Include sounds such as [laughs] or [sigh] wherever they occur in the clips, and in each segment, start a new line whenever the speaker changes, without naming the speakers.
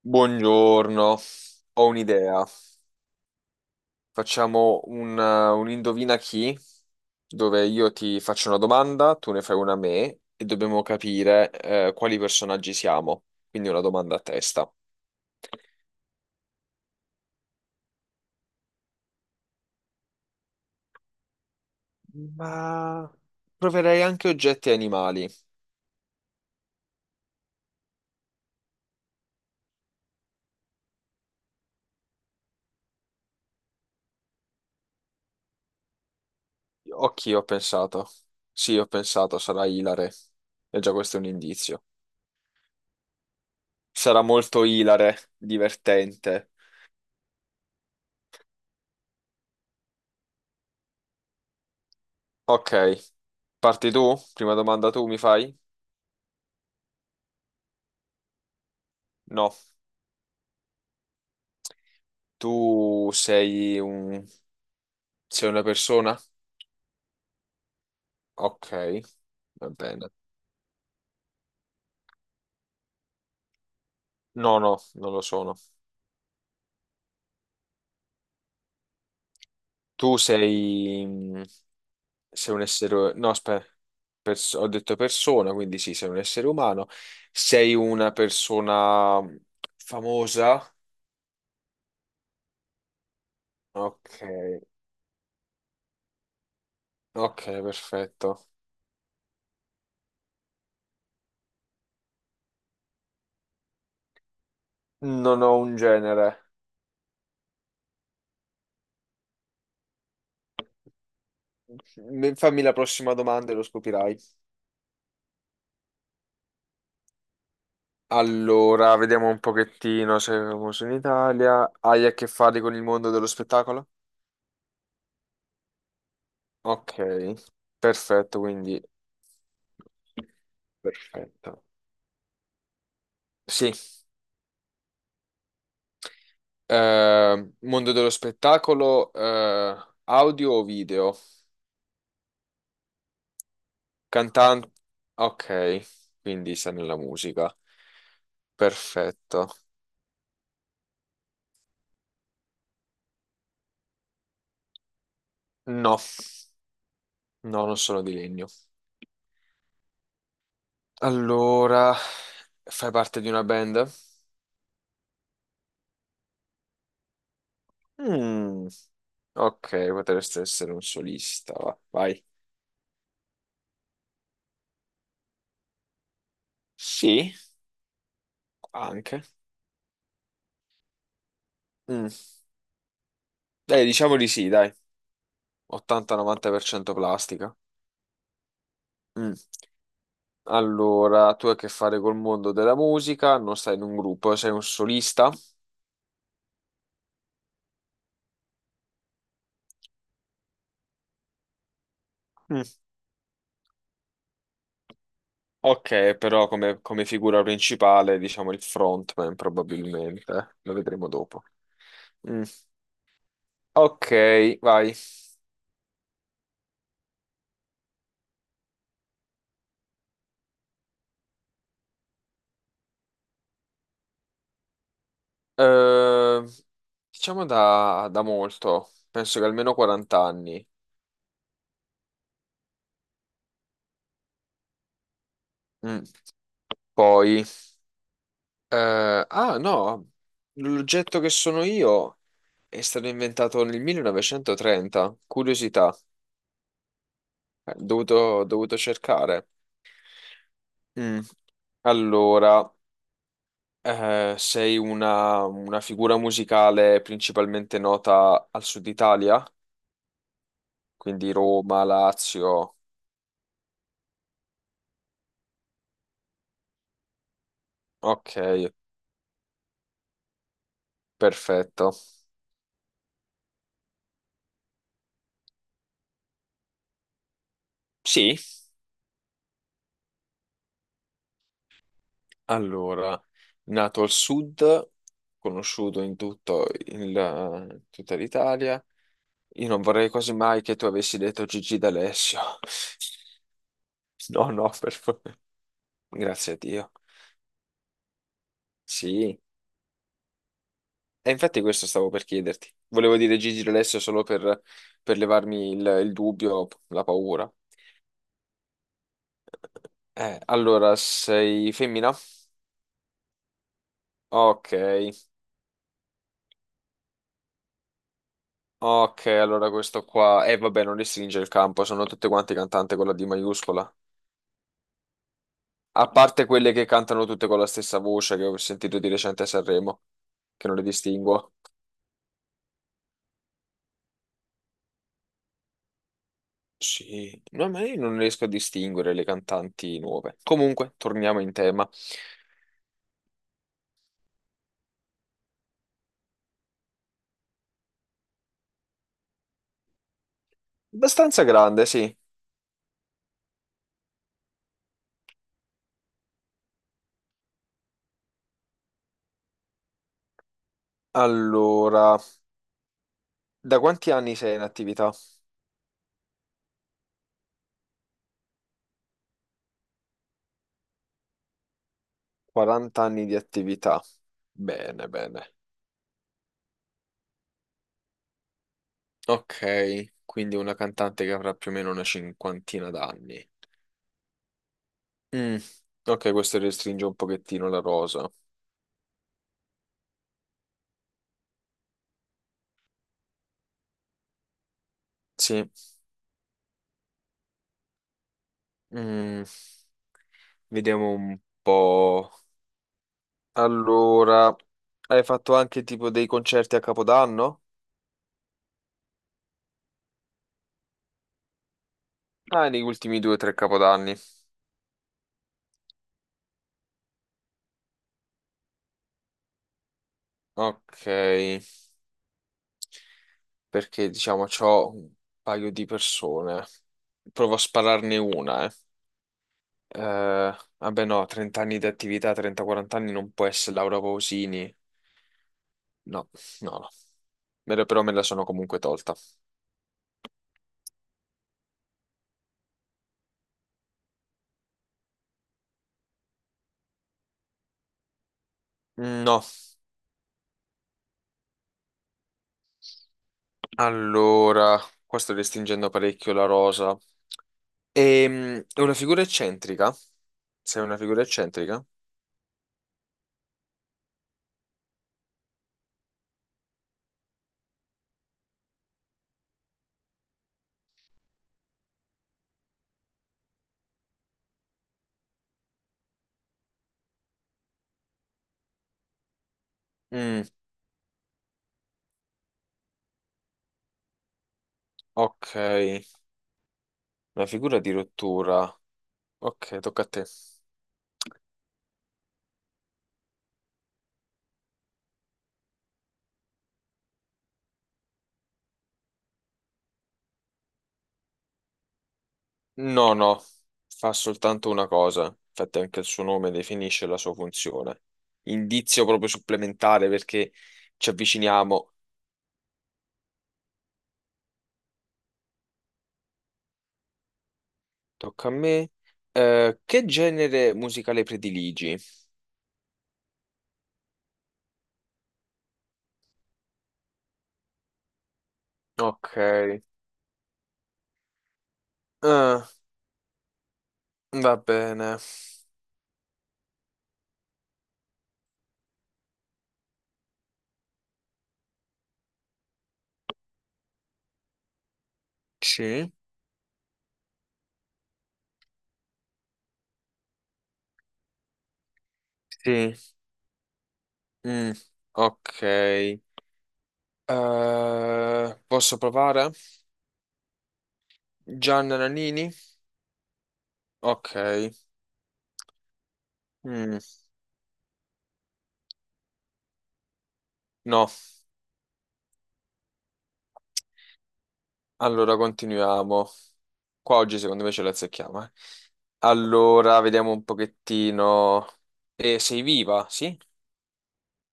Buongiorno, ho un'idea. Facciamo un indovina chi, dove io ti faccio una domanda, tu ne fai una a me e dobbiamo capire quali personaggi siamo. Quindi una domanda a testa. Ma proverei anche oggetti e animali. Occhi, ho pensato. Sì, ho pensato, sarà ilare. E già questo è un indizio. Sarà molto ilare, divertente. Ok, parti tu? Prima domanda tu mi fai? No. Tu sei un... sei una persona? Ok, va bene. No, no, non lo sono. Tu sei... sei un essere... No, aspetta, ho detto persona, quindi sì, sei un essere umano. Sei una persona famosa? Ok, ok, perfetto. Non ho un genere. Fammi la prossima domanda e lo scoprirai. Allora, vediamo un pochettino se è famoso in Italia. Hai a che fare con il mondo dello spettacolo? Ok, perfetto, quindi perfetto. Sì, mondo dello spettacolo, audio o video? Cantante. Ok, quindi sta nella musica. Perfetto. No, no, non sono di legno. Allora, fai parte di una band? Mm, ok, potresti essere un solista. Vai. Sì, anche. Mm, dai, diciamo di sì, dai. 80-90% plastica. Mm. Allora, tu hai a che fare col mondo della musica, non stai in un gruppo, sei un solista. Mm. Ok, però come figura principale, diciamo il frontman probabilmente, lo vedremo dopo. Mm. Ok, vai. Eh, diciamo da molto, penso che almeno 40 anni. Mm. Poi, no, l'oggetto che sono io. È stato inventato nel 1930, curiosità, dovuto cercare. Mm. Allora, sei una figura musicale principalmente nota al sud Italia, quindi Roma, Lazio. Ok, perfetto. Sì, allora, nato al sud, conosciuto in tutta l'Italia. Io non vorrei quasi mai che tu avessi detto Gigi D'Alessio. [laughs] [laughs] No, no, per favore. Grazie a Dio. Sì. E infatti questo stavo per chiederti. Volevo dire Gigi D'Alessio solo per levarmi il dubbio, la paura. Allora, sei femmina? Ok, ok, allora questo qua. Vabbè, non restringe il campo, sono tutte quante cantanti con la D maiuscola. A parte quelle che cantano tutte con la stessa voce che ho sentito di recente a Sanremo, che non le distinguo. Sì, no, ma io non riesco a distinguere le cantanti nuove. Comunque, torniamo in tema. Abbastanza grande, sì. Allora, da quanti anni sei in attività? 40 anni di attività. Bene, bene. Ok, quindi una cantante che avrà più o meno una cinquantina d'anni. Mm, ok, questo restringe un pochettino la rosa. Sì. Mm, vediamo un po'. Allora, hai fatto anche tipo dei concerti a Capodanno? Ah, negli ultimi due o tre Capodanni. Ok, perché diciamo c'ho un paio di persone. Provo a spararne una, eh. Vabbè no, 30 anni di attività, 30-40 anni non può essere Laura Pausini. No, no, no. Però me la sono comunque tolta. No, allora, qua sto restringendo parecchio la rosa. È una figura eccentrica? Sei una figura eccentrica? Mm, ok, una figura di rottura. Ok, tocca a te. No, no, fa soltanto una cosa, infatti anche il suo nome definisce la sua funzione. Indizio proprio supplementare perché ci avviciniamo. Tocca a me. Che genere musicale prediligi? Ok, eh, va bene. Sì, sì. Mm, ok. Posso provare? Gianna Nannini? Ok. Mm, no, allora continuiamo. Qua oggi secondo me ce la azzecchiamo, eh. Allora, vediamo un pochettino. Sei viva? Sì?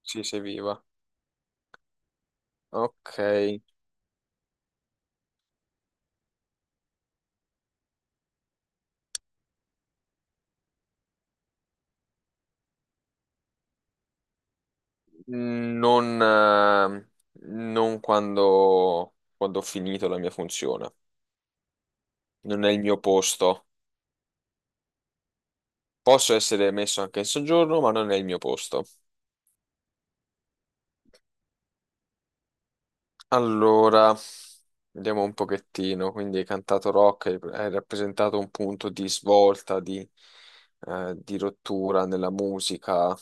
Sì, sei viva. Ok. Non, quando ho finito la mia funzione. Non è il mio posto. Posso essere messo anche in soggiorno, ma non è il mio posto. Allora, vediamo un pochettino. Quindi hai cantato rock, hai rappresentato un punto di svolta, di rottura nella musica.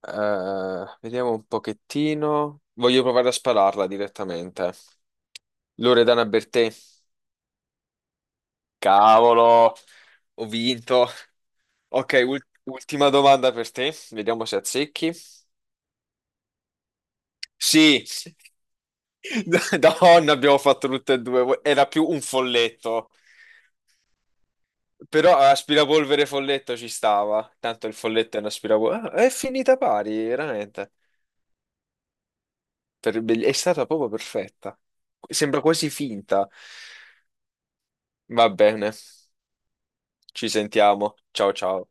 Vediamo un pochettino. Voglio provare a spararla direttamente. Loredana Bertè. Cavolo, ho vinto. Ok, ultima domanda per te. Vediamo se azzecchi. Sì, [laughs] donna, abbiamo fatto tutte e due. Era più un folletto. Però aspirapolvere folletto ci stava. Tanto il folletto è un aspirapolvere. Ah, è finita pari, veramente. È stata proprio perfetta. Sembra quasi finta. Va bene. Ci sentiamo. Ciao ciao.